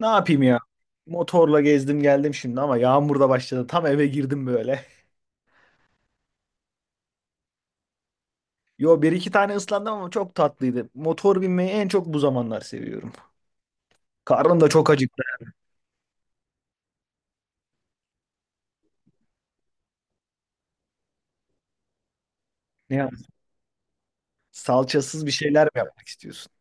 Ne yapayım ya? Motorla gezdim geldim şimdi ama yağmur da başladı. Tam eve girdim böyle. Yo bir iki tane ıslandım ama çok tatlıydı. Motor binmeyi en çok bu zamanlar seviyorum. Karnım da çok acıktı. Ne yap- Salçasız bir şeyler mi yapmak istiyorsun?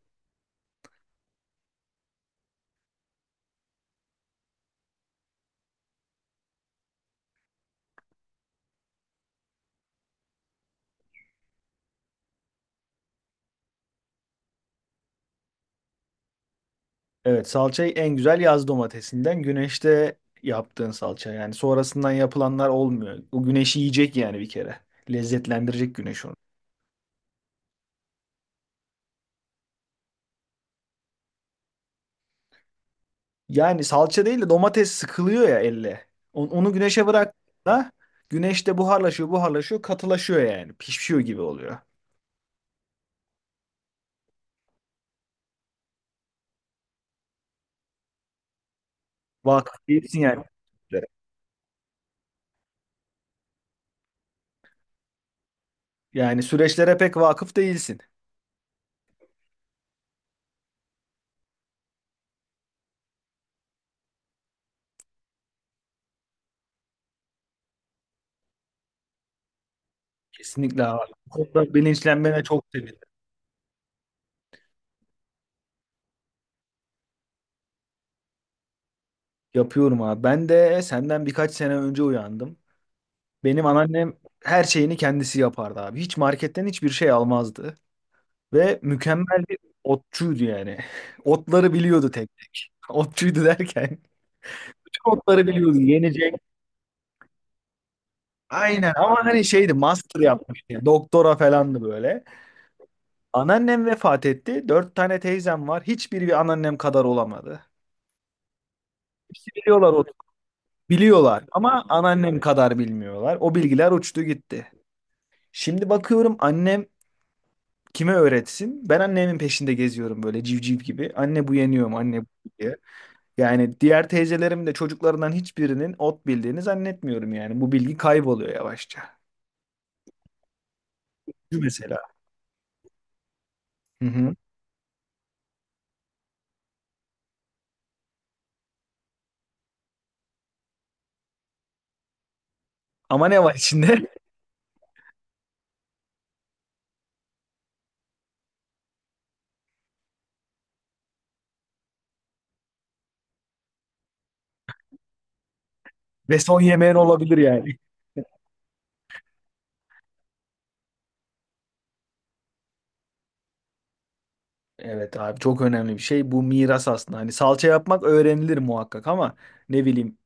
Evet, salçayı en güzel yaz domatesinden güneşte yaptığın salça. Yani sonrasından yapılanlar olmuyor. O güneşi yiyecek yani bir kere. Lezzetlendirecek güneş onu. Yani salça değil de domates sıkılıyor ya elle. Onu güneşe bıraktığında güneşte buharlaşıyor, buharlaşıyor, katılaşıyor yani. Pişiyor gibi oluyor. Vakıf değilsin yani. Yani süreçlere pek vakıf değilsin. Kesinlikle abi. Bu konuda bilinçlenmene çok sevindim. Yapıyorum abi. Ben de senden birkaç sene önce uyandım. Benim anneannem her şeyini kendisi yapardı abi. Hiç marketten hiçbir şey almazdı. Ve mükemmel bir otçuydu yani. Otları biliyordu tek tek. Otçuydu derken. Tüm otları biliyordu yenecek. Aynen, ama hani şeydi, master yapmış. Yani. Doktora falandı böyle. Anneannem vefat etti. Dört tane teyzem var. Hiçbiri bir anneannem kadar olamadı. Hepsi biliyorlar otu. Biliyorlar ama anneannem kadar bilmiyorlar. O bilgiler uçtu gitti. Şimdi bakıyorum annem, kime öğretsin? Ben annemin peşinde geziyorum böyle civciv gibi. Anne bu yeniyor mu? Anne bu diye. Yani diğer teyzelerimin de çocuklarından hiçbirinin ot bildiğini zannetmiyorum yani. Bu bilgi kayboluyor yavaşça. Şu mesela. Hı hı. Ama ne var içinde? Ve son yemeğin olabilir yani. Evet abi, çok önemli bir şey. Bu miras aslında. Hani salça yapmak öğrenilir muhakkak ama ne bileyim,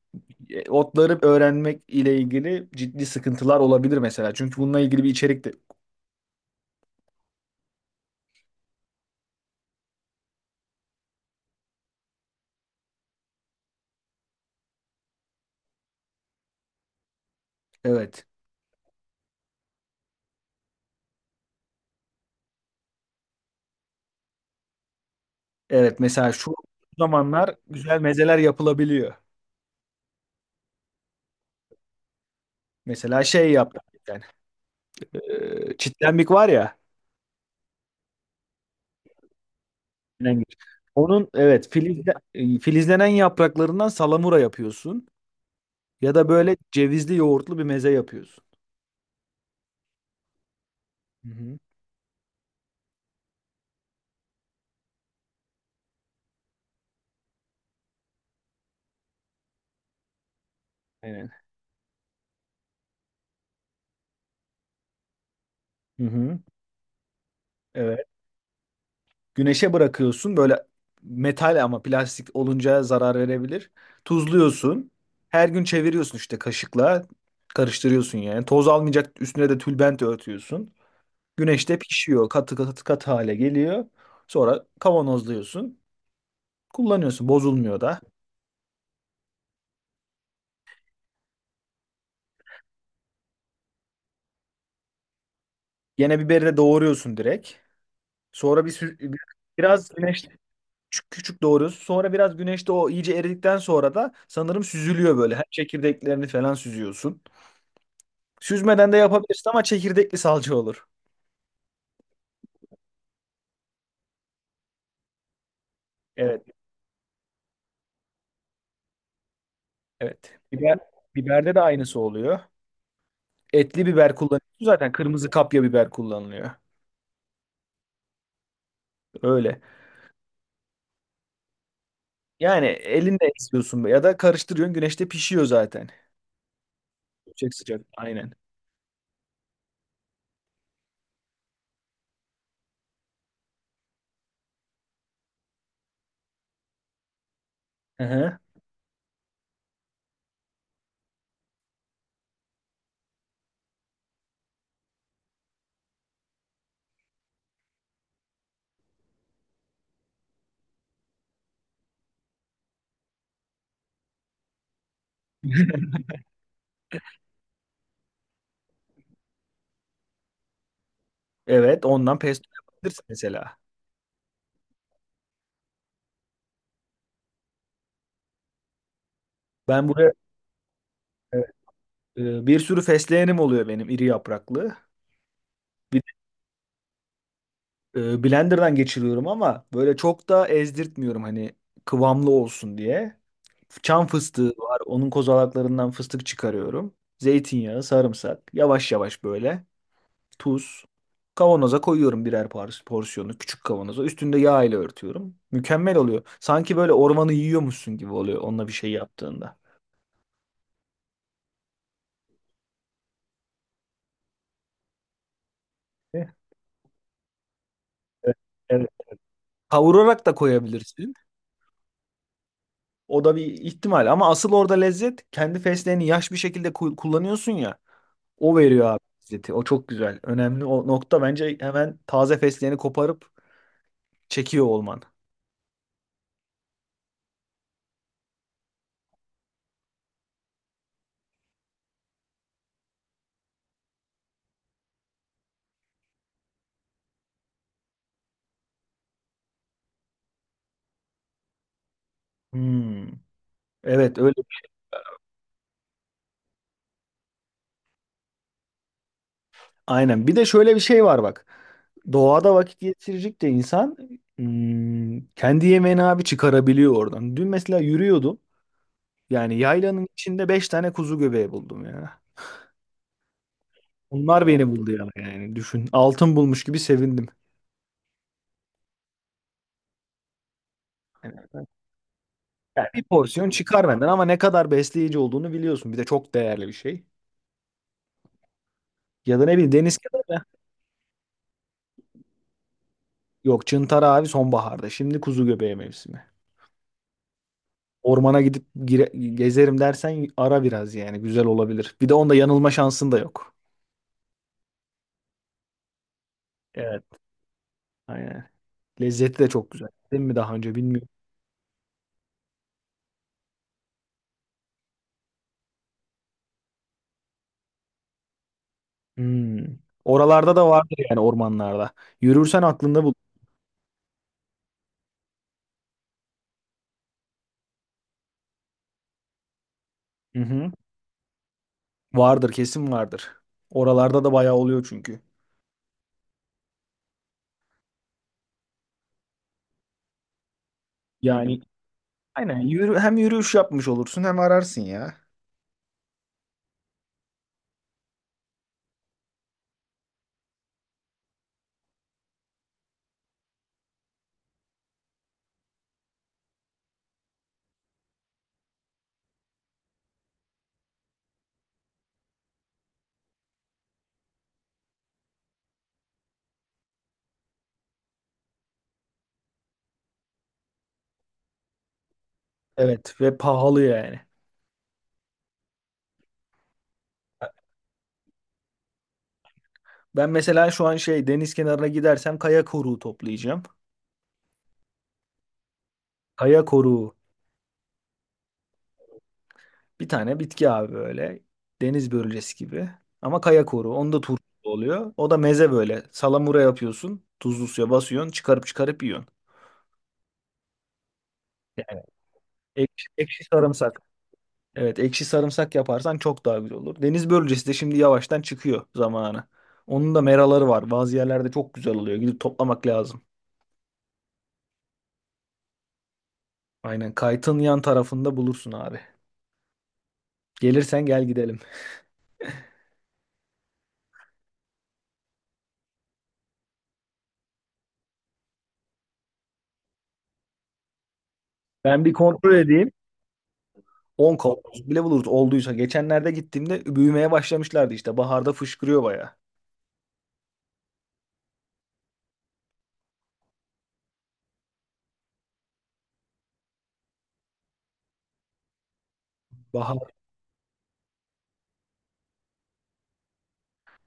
otları öğrenmek ile ilgili ciddi sıkıntılar olabilir mesela. Çünkü bununla ilgili bir içerik de... Evet. Evet, mesela şu zamanlar güzel mezeler yapılabiliyor. Mesela şey yaptık bir tane. Çitlenmik var ya. Çitlenmik. Onun, evet, filizlenen yapraklarından salamura yapıyorsun. Ya da böyle cevizli yoğurtlu bir meze yapıyorsun. Hı hı. Aynen. Hı hı. Evet. Güneşe bırakıyorsun böyle metal, ama plastik olunca zarar verebilir. Tuzluyorsun. Her gün çeviriyorsun işte kaşıkla. Karıştırıyorsun yani. Toz almayacak üstüne de tülbent örtüyorsun. Güneşte pişiyor. Katı katı katı hale geliyor. Sonra kavanozluyorsun. Kullanıyorsun. Bozulmuyor da. Yine biberi de doğruyorsun direkt. Sonra biraz güneşte küçük küçük doğruyorsun. Sonra biraz güneşte o iyice eridikten sonra da sanırım süzülüyor böyle. Her çekirdeklerini falan süzüyorsun. Süzmeden de yapabilirsin ama çekirdekli salça olur. Evet, evet. Biberde de aynısı oluyor. Etli biber kullanıyorsun zaten. Kırmızı kapya biber kullanılıyor. Öyle. Yani elinle eziyorsun ya da karıştırıyorsun, güneşte pişiyor zaten. Yüksek sıcak aynen. Hı hı. Evet, ondan pesto yapabilirsin mesela. Ben buraya evet, e, bir sürü fesleğenim oluyor benim iri yapraklı. Bir de, blenderdan geçiriyorum ama böyle çok da ezdirtmiyorum, hani kıvamlı olsun diye. Çam fıstığı var, onun kozalaklarından fıstık çıkarıyorum. Zeytinyağı, sarımsak yavaş yavaş böyle. Tuz. Kavanoza koyuyorum birer porsiyonu küçük kavanoza. Üstünde yağ ile örtüyorum. Mükemmel oluyor. Sanki böyle ormanı yiyormuşsun gibi oluyor onunla bir şey yaptığında. Evet. Evet. Kavurarak da koyabilirsin. O da bir ihtimal, ama asıl orada lezzet, kendi fesleğeni yaş bir şekilde kullanıyorsun ya. O veriyor abi lezzeti. O çok güzel. Önemli o nokta bence, hemen taze fesleğeni koparıp çekiyor olman. Hmm. Evet öyle. Aynen. Bir de şöyle bir şey var bak. Doğada vakit geçirecek de insan, kendi yemeğini abi çıkarabiliyor oradan. Dün mesela yürüyordum. Yani yaylanın içinde 5 tane kuzu göbeği buldum ya. Onlar beni buldu ya, yani düşün. Altın bulmuş gibi sevindim. Yani, yani, bir porsiyon çıkar benden ama ne kadar besleyici olduğunu biliyorsun. Bir de çok değerli bir şey. Ya da ne bileyim, deniz kenarı. Yok, çıntar abi sonbaharda. Şimdi kuzu göbeği mevsimi. Ormana gidip gezerim dersen, ara biraz yani, güzel olabilir. Bir de onda yanılma şansın da yok. Evet. Aynen. Lezzeti de çok güzel. Değil mi, daha önce bilmiyorum. Hmm. Oralarda da vardır yani, ormanlarda. Yürürsen aklında bul. Hı hı. Vardır, kesin vardır. Oralarda da bayağı oluyor çünkü. Yani aynen yürü, hem yürüyüş yapmış olursun hem ararsın ya. Evet, ve pahalı yani. Ben mesela şu an şey, deniz kenarına gidersem kaya koruğu toplayacağım. Kaya koruğu. Bir tane bitki abi böyle. Deniz börülcesi gibi. Ama kaya koru. Onda turşu oluyor. O da meze böyle. Salamura yapıyorsun. Tuzlu suya basıyorsun. Çıkarıp çıkarıp yiyorsun. Yani ekşi, ekşi sarımsak. Evet, ekşi sarımsak yaparsan çok daha güzel olur. Deniz börülcesi de şimdi yavaştan çıkıyor zamanı. Onun da meraları var. Bazı yerlerde çok güzel oluyor. Gidip toplamak lazım. Aynen, kaytın yan tarafında bulursun abi. Gelirsen gel gidelim. Ben bir kontrol edeyim. 10 kavanoz bile buluruz olduysa. Geçenlerde gittiğimde büyümeye başlamışlardı işte. Baharda fışkırıyor bayağı. Bahar.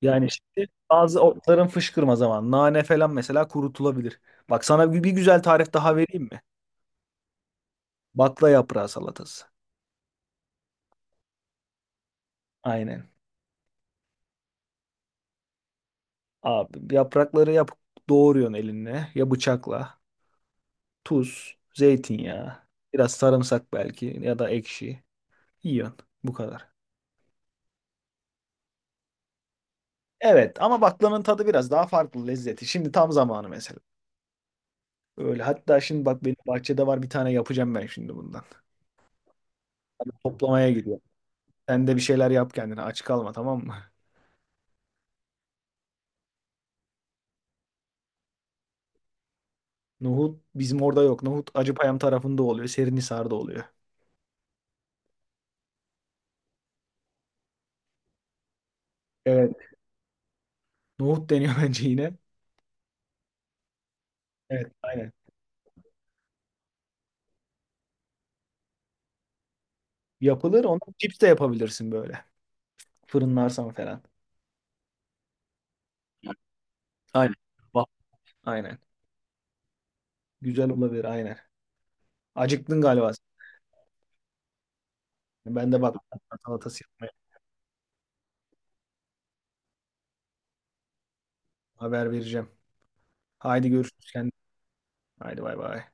Yani şimdi bazı otların fışkırma zamanı. Nane falan mesela kurutulabilir. Bak sana bir güzel tarif daha vereyim mi? Bakla yaprağı salatası. Aynen. Abi yaprakları doğruyorsun elinle ya bıçakla. Tuz, zeytinyağı, biraz sarımsak belki ya da ekşi. Yiyorsun. Bu kadar. Evet, ama baklanın tadı biraz daha farklı lezzeti. Şimdi tam zamanı mesela. Öyle. Hatta şimdi bak, benim bahçede var bir tane, yapacağım ben şimdi bundan. Ben toplamaya gidiyorum. Sen de bir şeyler yap kendine. Aç kalma, tamam mı? Nohut bizim orada yok. Nohut Acıpayam tarafında oluyor. Serinhisar'da oluyor. Evet. Nohut deniyor bence yine. Evet, aynen. Yapılır. Onu cips de yapabilirsin böyle. Fırınlarsan falan. Aynen. Bak. Aynen. Güzel olabilir aynen. Acıktın galiba sen. Ben de bak, salatası yapmaya... Haber vereceğim. Haydi görüşürüz, kendine. Haydi bay bay.